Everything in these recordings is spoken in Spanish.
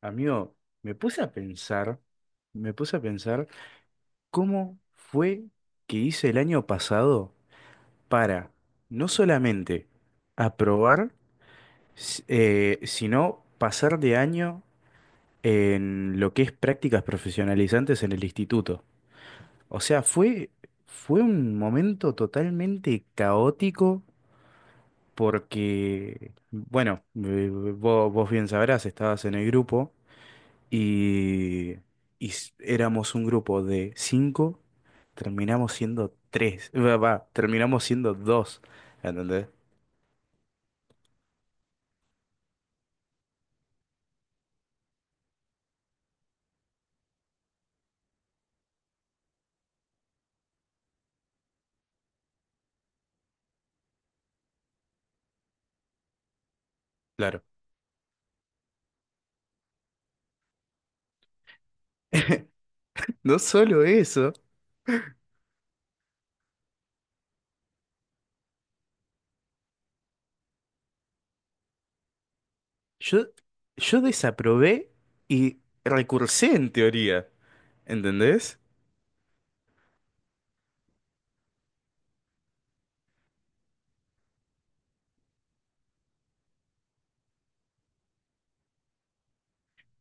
Amigo, me puse a pensar, me puse a pensar cómo fue que hice el año pasado para no solamente aprobar, sino pasar de año en lo que es prácticas profesionalizantes en el instituto. O sea, fue un momento totalmente caótico porque, bueno, vos bien sabrás, estabas en el grupo. Y, Éramos un grupo de cinco, terminamos siendo tres, terminamos siendo dos, ¿entendés? Claro. No solo eso, yo, yo desaprobé y recursé en teoría, ¿entendés?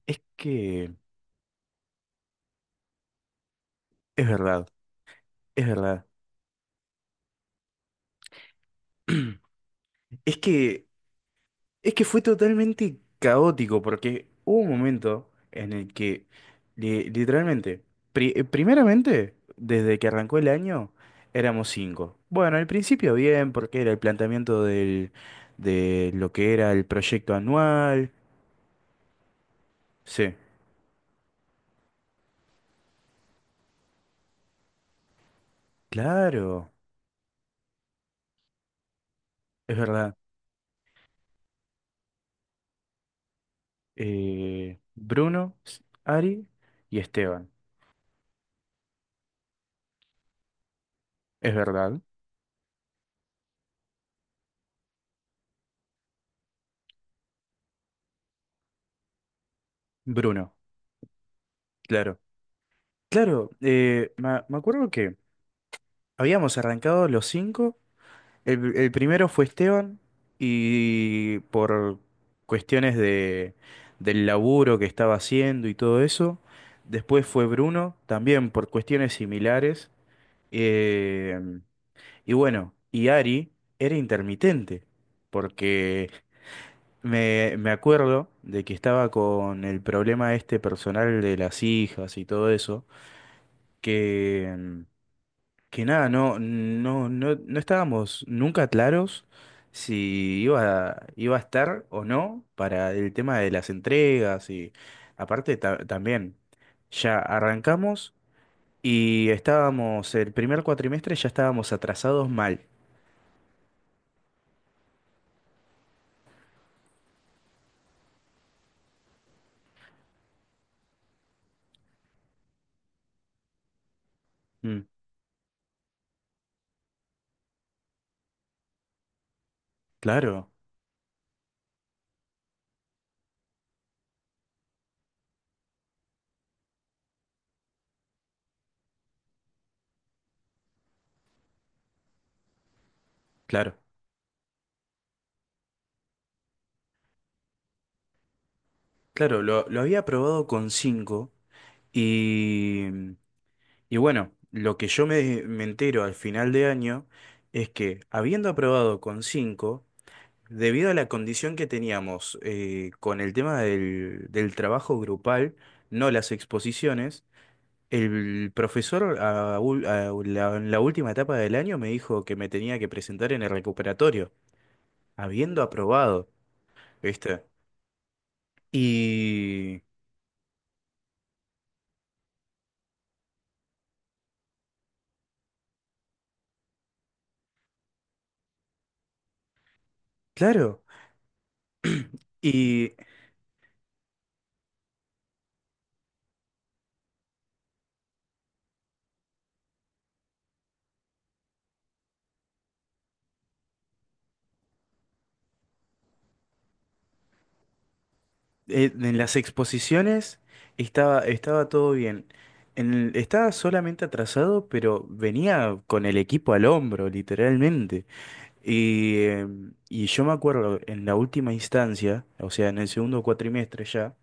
Es que, es verdad, es verdad. Es que Es que fue totalmente caótico porque hubo un momento en el que literalmente, primeramente, desde que arrancó el año, éramos cinco. Bueno, al principio bien, porque era el de lo que era el proyecto anual. Sí, claro, es verdad. Ari y Esteban. Es verdad. Bruno, claro. Claro, me acuerdo que habíamos arrancado los cinco. El primero fue Esteban y por cuestiones de, del laburo que estaba haciendo y todo eso. Después fue Bruno, también por cuestiones similares. Eh, bueno, y Ari era intermitente, porque me acuerdo de que estaba con el problema este personal de las hijas y todo eso, que que nada, no estábamos nunca claros si iba a estar o no para el tema de las entregas y aparte también, ya arrancamos y estábamos, el primer cuatrimestre ya estábamos atrasados mal. Mm, claro, claro, lo había aprobado con 5 y, y bueno, lo que me entero al final de año es que habiendo aprobado con cinco, debido a la condición que teníamos, con el tema del trabajo grupal, no las exposiciones, el profesor a ul- a la- en la última etapa del año me dijo que me tenía que presentar en el recuperatorio, habiendo aprobado, ¿viste? Y claro, y en las exposiciones estaba todo bien. Estaba solamente atrasado, pero venía con el equipo al hombro, literalmente. Y, y yo me acuerdo en la última instancia, o sea, en el segundo cuatrimestre ya,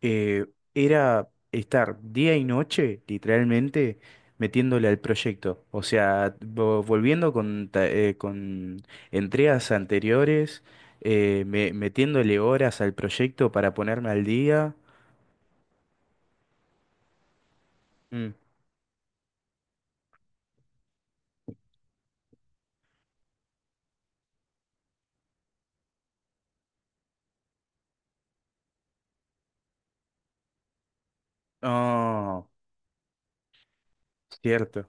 eh, era estar día y noche, literalmente, metiéndole al proyecto. O sea, volviendo con, con entregas anteriores, metiéndole horas al proyecto para ponerme al día. Mm. Oh, cierto.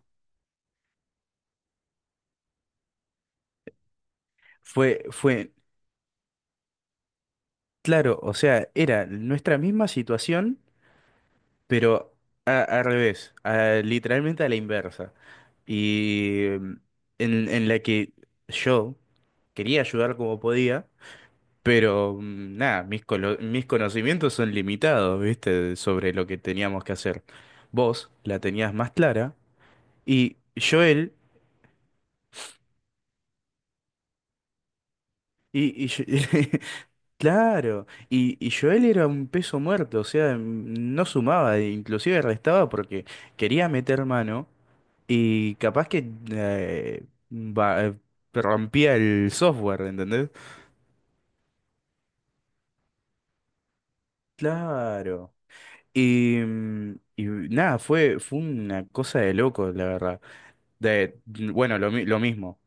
Fue, fue, claro, o sea, era nuestra misma situación, pero al revés, literalmente a la inversa. Y en la que yo quería ayudar como podía, pero mm, nada, mis conocimientos son limitados, ¿viste? Sobre lo que teníamos que hacer. Vos la tenías más clara y Joel, y, y yo- claro, y Joel era un peso muerto, o sea, mm, no sumaba, inclusive restaba porque quería meter mano. Y capaz que va- eh, rompía el software, ¿entendés? Claro. Y, mm, y nada, fue una cosa de loco, la verdad. De, mm, lo mismo.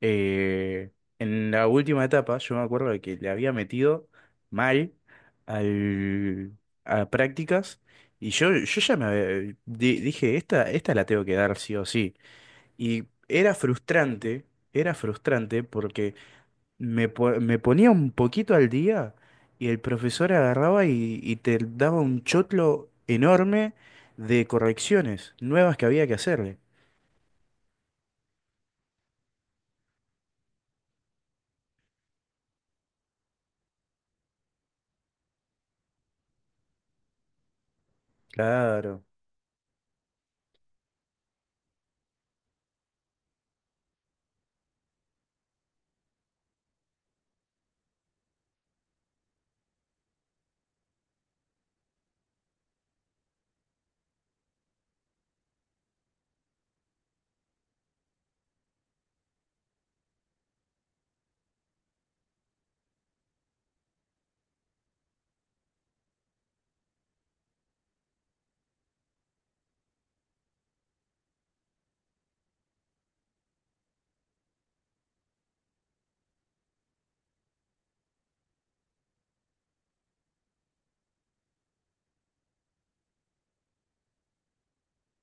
Eh, en la última etapa, yo me acuerdo de que le había metido mal al, a prácticas. Y yo ya dije, esta la tengo que dar sí o sí. Y era frustrante porque me ponía un poquito al día y el profesor agarraba y te daba un chotlo enorme de correcciones nuevas que había que hacerle. Claro.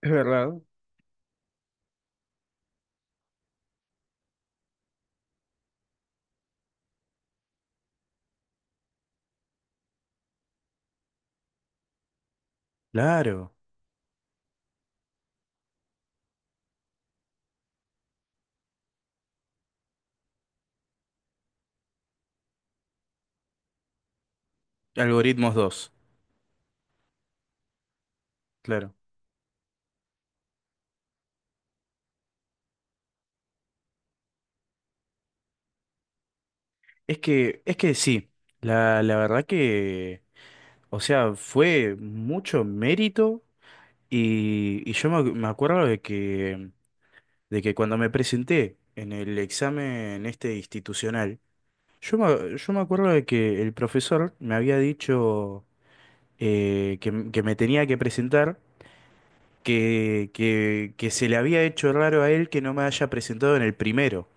Es verdad. Claro. Algoritmos dos. Claro. Es que sí, la verdad que, o sea, fue mucho mérito y yo me acuerdo de que cuando me presenté en el examen este institucional, yo me acuerdo de que el profesor me había dicho, que me tenía que presentar, que se le había hecho raro a él que no me haya presentado en el primero,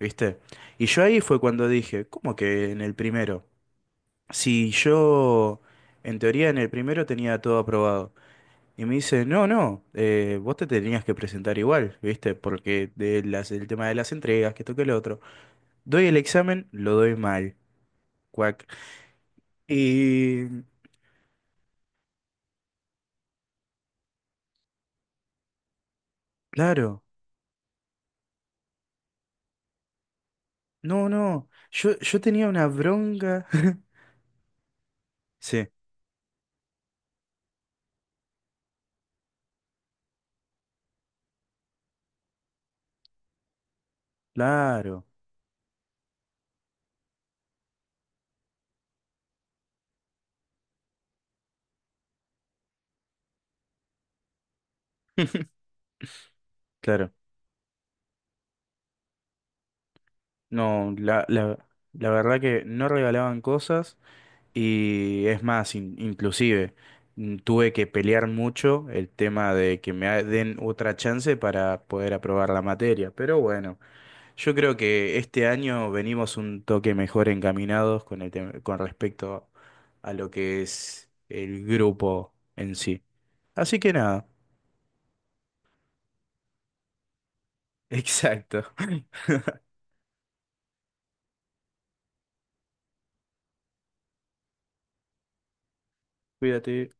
¿viste? Y yo ahí fue cuando dije, ¿cómo que en el primero? Si yo, en teoría, en el primero tenía todo aprobado. Y me dice, no, vos te tenías que presentar igual, ¿viste? Porque el tema de las entregas, que toque el otro. Doy el examen, lo doy mal. Cuac. Y claro. No, no. Yo tenía una bronca. Sí, claro, claro. No, la verdad que no regalaban cosas y es más, inclusive mm, tuve que pelear mucho el tema de que me den otra chance para poder aprobar la materia. Pero bueno, yo creo que este año venimos un toque mejor encaminados con el con respecto a lo que es el grupo en sí. Así que nada. Exacto. Cuídate.